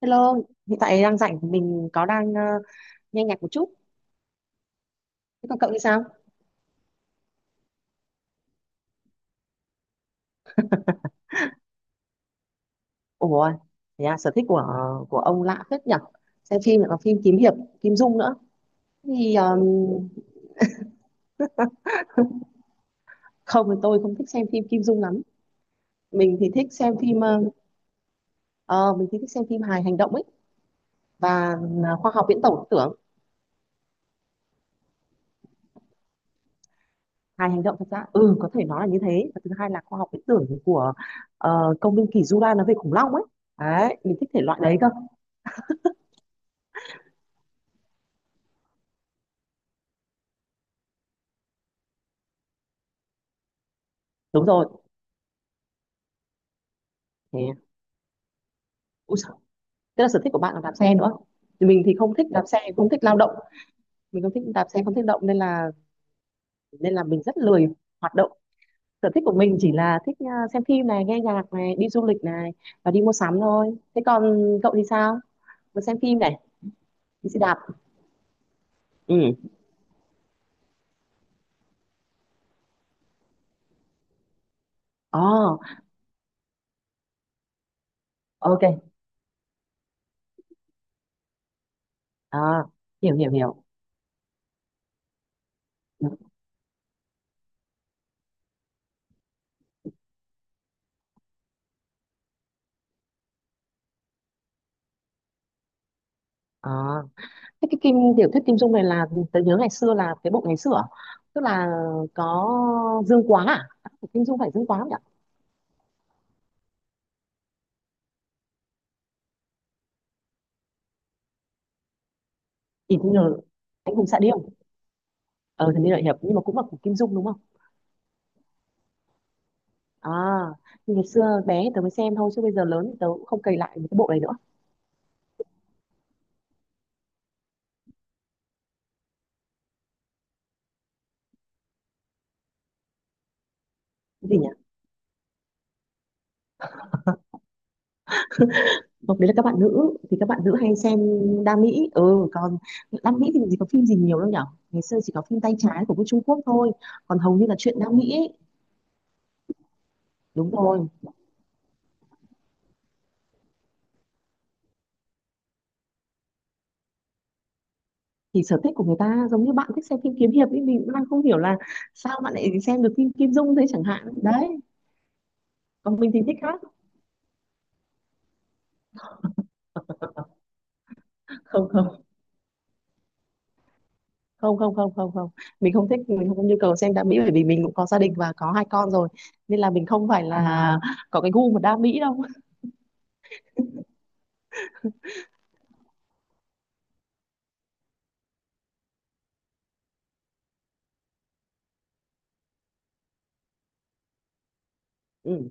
Hello, hiện tại đang rảnh mình có đang nghe nhạc một chút. Thế còn cậu thì sao? Ủa, thế à, sở thích của ông lạ phết nhỉ? Xem phim lại còn phim kiếm hiệp, Kim Dung nữa. Thì ờ, Không thì tôi không thích xem phim Kim Dung lắm. Mình thì thích xem phim ờ, ờ, mình thì thích xem phim hài hành động ấy, và khoa học viễn tổ tưởng. Hài hành động thật ra ừ có thể nói là như thế. Và thứ hai là khoa học viễn tưởng, của công viên kỷ Jura, nói về khủng long ấy. Đấy, mình thích thể loại đấy cơ. Đúng rồi. Thế. Tức là sở thích của bạn là đạp xe nữa. Thì mình thì không thích đạp xe, không thích lao động, mình không thích đạp xe, không thích động, nên là mình rất lười hoạt động. Sở thích của mình chỉ là thích xem phim này, nghe nhạc này, đi du lịch này và đi mua sắm thôi. Thế còn cậu thì sao? Vừa xem phim này, đi xe đạp. Ừ. Oh, ok. À, hiểu hiểu hiểu. À, thế cái kim tiểu thuyết Kim Dung này là tớ nhớ ngày xưa là cái bộ ngày xưa à? Tức là có Dương Quá à? À, Kim Dung phải Dương Quá không nhỉ? Thì nhờ Anh Hùng Xạ Điêu, ờ thần tiên đại hiệp, nhưng mà cũng là của Kim Dung đúng không? À, nhưng ngày xưa bé thì tớ mới xem thôi, chứ bây giờ lớn thì tớ cũng không cày lại một cái bộ này nữa. Cái gì nhỉ? Không, đấy là các bạn nữ thì các bạn nữ hay xem Đam Mỹ, ừ, còn Đam Mỹ thì làm gì có phim gì nhiều đâu nhở, ngày xưa chỉ có phim tay trái của bên Trung Quốc thôi, còn hầu như là chuyện Đam Mỹ ấy. Đúng rồi, thì sở thích của người ta giống như bạn thích xem phim kiếm hiệp ấy, mình cũng đang không hiểu là sao bạn lại xem được phim Kim Dung thế chẳng hạn đấy. Còn mình thì thích khác. Không, không, không, không, không, không, không, mình không thích, mình không nhu cầu xem đam mỹ, bởi vì mình cũng có gia đình và có hai con rồi, nên là mình không phải là có cái gu mà đam mỹ đâu. Ừ,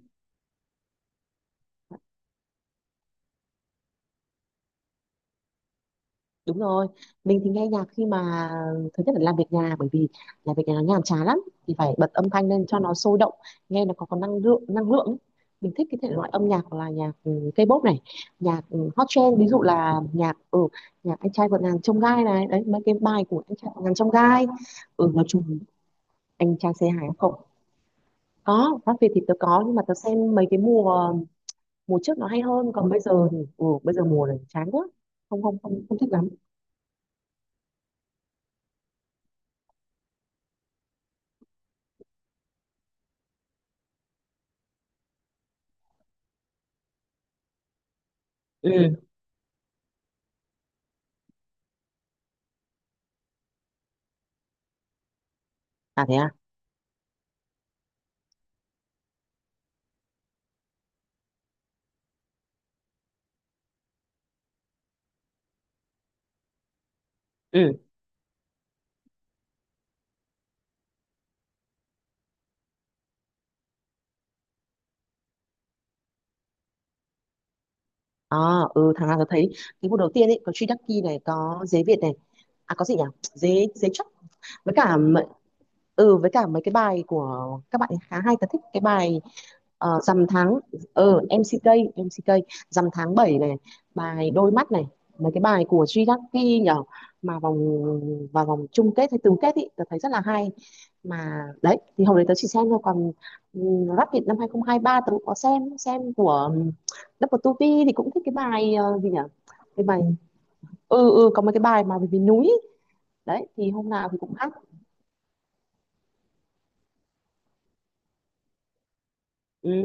đúng rồi, mình thì nghe nhạc khi mà thứ nhất là làm việc nhà, bởi vì làm việc nhà nó nhàm chán lắm, thì phải bật âm thanh lên cho nó sôi động, nghe nó có năng lượng, năng lượng ấy. Mình thích cái thể loại âm nhạc là nhạc K-pop này, nhạc hot trend, ví dụ là nhạc nhạc anh trai vượt ngàn chông gai này, đấy, mấy cái bài của anh trai vượt ngàn chông gai, nói chung anh trai C2 không. Có Pháp Việt thì tớ có, nhưng mà tớ xem mấy cái mùa mùa trước nó hay hơn, còn bây giờ thì bây giờ mùa này chán quá. Không, không, không, không thích lắm. Ừ. À, thế à? Ừ. À, ừ, thằng nào tớ thấy cái mùa đầu tiên ấy có Truy Đắc Kỳ này, có Dế Việt này, à có gì nhỉ, Dế Dế Chấp, với cả m- ừ với cả mấy cái bài của các bạn ấy khá hay, tớ thích cái bài. Rằm tháng, MCK MCK rằm tháng 7 này, bài đôi mắt này, mấy cái bài của Jidaki nhở, mà vào vòng chung kết hay tứ kết ý tớ thấy rất là hay. Mà đấy thì hồi đấy tớ chỉ xem thôi, còn Rap Việt năm 2023 tớ cũng có xem của Double tu Vi, thì cũng thích cái bài, gì nhở, cái bài, có mấy cái bài mà về, núi ý. Đấy thì hôm nào thì cũng hát. Ừ.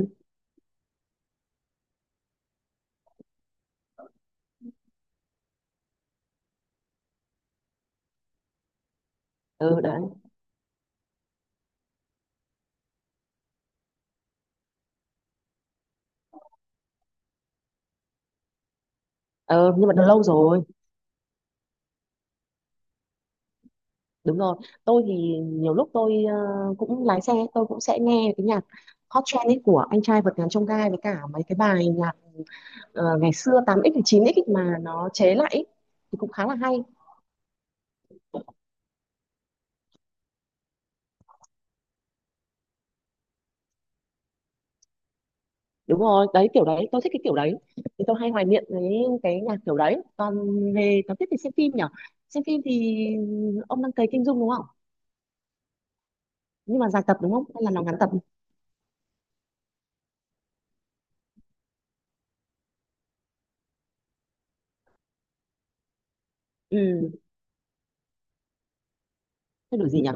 Ừ, đấy, ờ nhưng mà đã lâu rồi. Đúng rồi, tôi thì nhiều lúc tôi cũng lái xe, tôi cũng sẽ nghe cái nhạc hot trend ấy của anh trai vượt ngàn chông gai, với cả mấy cái bài nhạc ngày xưa 8x và 9x ấy mà nó chế lại ấy, thì cũng khá là hay. Đúng rồi, đấy kiểu đấy, tôi thích cái kiểu đấy, thì tôi hay hoài niệm với cái nhạc kiểu đấy. Còn về, còn tiếp thì xem phim nhỉ, xem phim thì ông đang cấy Kim Dung đúng không? Nhưng mà dài tập đúng không hay là nó ngắn tập? Ừ, thế đổi gì nhỉ?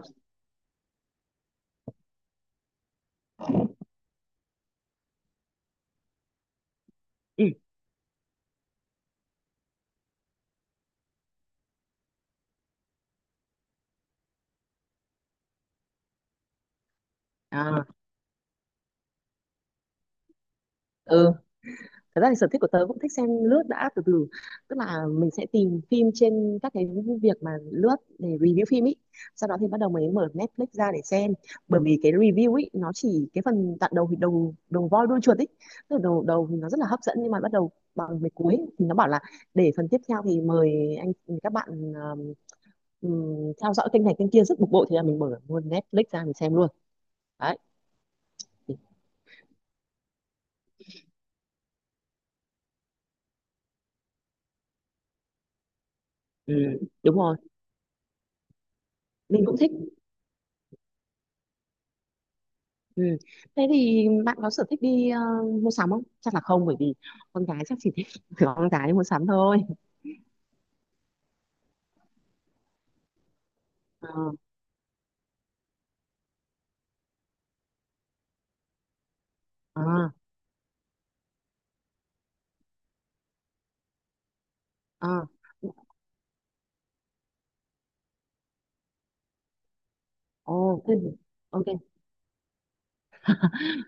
Ừ. À, ừ, thật ra thì sở thích của tớ cũng thích xem lướt đã, từ từ, tức là mình sẽ tìm phim trên các cái việc mà lướt để review phim ý, sau đó thì bắt đầu mình mở Netflix ra để xem, bởi vì cái review ý nó chỉ cái phần đoạn đầu, thì đầu đầu voi đuôi chuột ý, tức là đầu đầu thì nó rất là hấp dẫn, nhưng mà bắt đầu bằng về cuối thì nó bảo là để phần tiếp theo thì mời anh, các bạn um, theo dõi kênh này kênh kia, rất bực bội, thì là mình mở luôn Netflix ra mình xem luôn đấy. Ừ, đúng rồi, mình cũng thích. Ừ. Thế thì bạn có sở thích đi mua sắm không? Chắc là không, bởi vì con gái chắc chỉ thích con gái đi mua sắm thôi. Ờ, ờ, ờ. Ồ, thế, ok.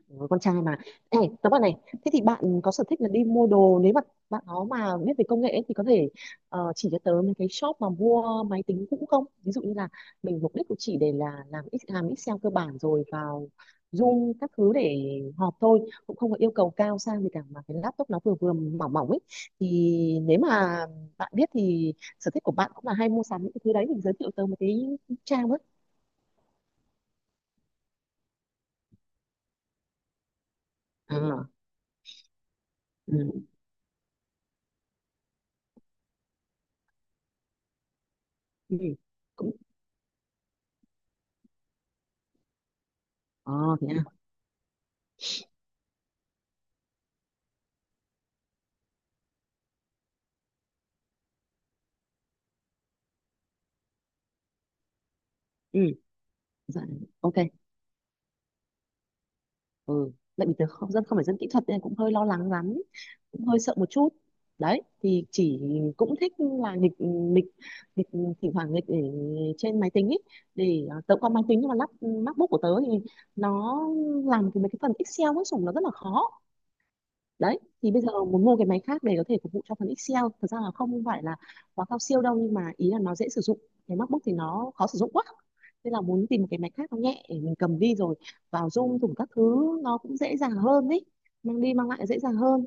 Ừ, con trai mà. Ê, tớ bảo này, thế thì bạn có sở thích là đi mua đồ, nếu mà bạn nó mà biết về công nghệ ấy, thì có thể chỉ cho tớ mấy cái shop mà mua máy tính cũ không, ví dụ như là mình mục đích cũng chỉ để là làm làm Excel cơ bản, rồi vào Zoom các thứ để họp thôi, cũng không có yêu cầu cao sang gì cả, mà cái laptop nó vừa vừa mỏng mỏng ấy, thì nếu mà bạn biết thì sở thích của bạn cũng là hay mua sắm những cái thứ đấy, thì giới thiệu tớ một cái trang ấy. À, ừ, ừ, cũng ờ, thế à, ừ, dạ, ok, ừ, tại vì tớ không phải dân kỹ thuật nên cũng hơi lo lắng lắm, cũng hơi sợ một chút. Đấy thì chỉ cũng thích là nghịch nghịch nghịch, thỉnh thoảng nghịch ở trên máy tính ấy, để tớ cũng có máy tính nhưng mà lắp MacBook của tớ thì nó làm cái mấy cái phần Excel với sủng nó rất là khó. Đấy thì bây giờ muốn mua cái máy khác để có thể phục vụ cho phần Excel, thật ra là không phải là quá cao siêu đâu, nhưng mà ý là nó dễ sử dụng, cái MacBook thì nó khó sử dụng quá, nên là muốn tìm một cái máy khác nó nhẹ để mình cầm đi, rồi vào Zoom thủng các thứ nó cũng dễ dàng hơn đấy, mang đi mang lại dễ dàng hơn.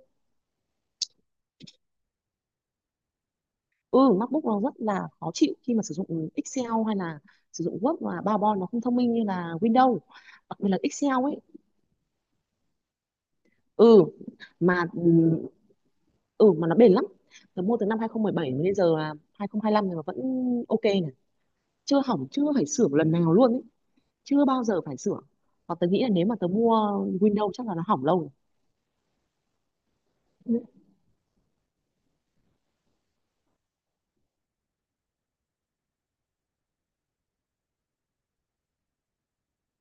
Ừ, MacBook nó rất là khó chịu khi mà sử dụng Excel, hay là sử dụng Word và PowerPoint, nó không thông minh như là Windows, đặc biệt là Excel ấy. Ừ, mà nó bền lắm. Tớ mua từ năm 2017 mà bây giờ là 2025 rồi mà vẫn ok này, chưa hỏng, chưa phải sửa một lần nào luôn ấy. Chưa bao giờ phải sửa, và tớ nghĩ là nếu mà tớ mua Windows chắc là nó hỏng lâu rồi.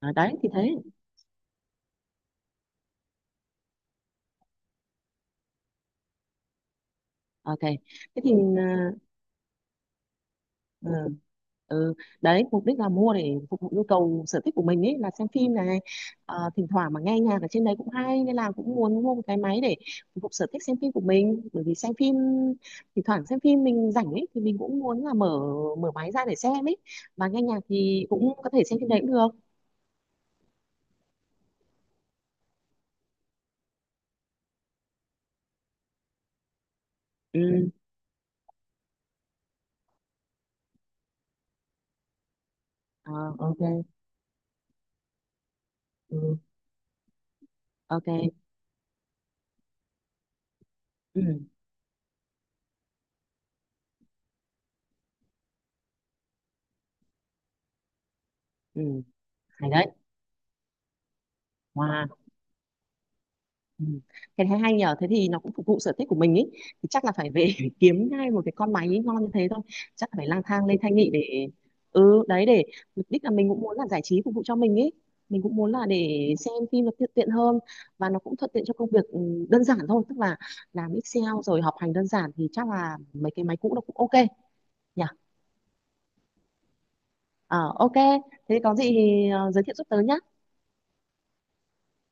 À, đấy thì thế, ok, thế thì ờ, ờ, ừ, đấy mục đích là mua để phục vụ nhu cầu sở thích của mình ấy, là xem phim này. Ờ, thỉnh thoảng mà nghe nhạc ở trên đấy cũng hay, nên là cũng muốn mua một cái máy để phục vụ sở thích xem phim của mình, bởi vì xem phim, thỉnh thoảng xem phim mình rảnh ấy, thì mình cũng muốn là mở mở máy ra để xem ấy, và nghe nhạc thì cũng có thể xem trên đấy cũng được. Ừ. Ờ, ok. Ừ, ok. Ừ. Ừ, hay đấy. Wow. Ừ. Cái thấy hay nhờ, thế thì nó cũng phục vụ sở thích của mình ý, thì chắc là phải về phải kiếm ngay một cái con máy ý ngon như thế thôi, chắc là phải lang thang lên Thanh Nghị để, ừ đấy, để mục đích là mình cũng muốn là giải trí phục vụ cho mình ý, mình cũng muốn là để xem phim nó tiện tiện hơn, và nó cũng thuận tiện cho công việc, đơn giản thôi, tức là làm Excel rồi học hành đơn giản, thì chắc là mấy cái máy cũ nó cũng ok nhỉ. Ờ, ok, thế có gì thì giới thiệu giúp tớ nhá.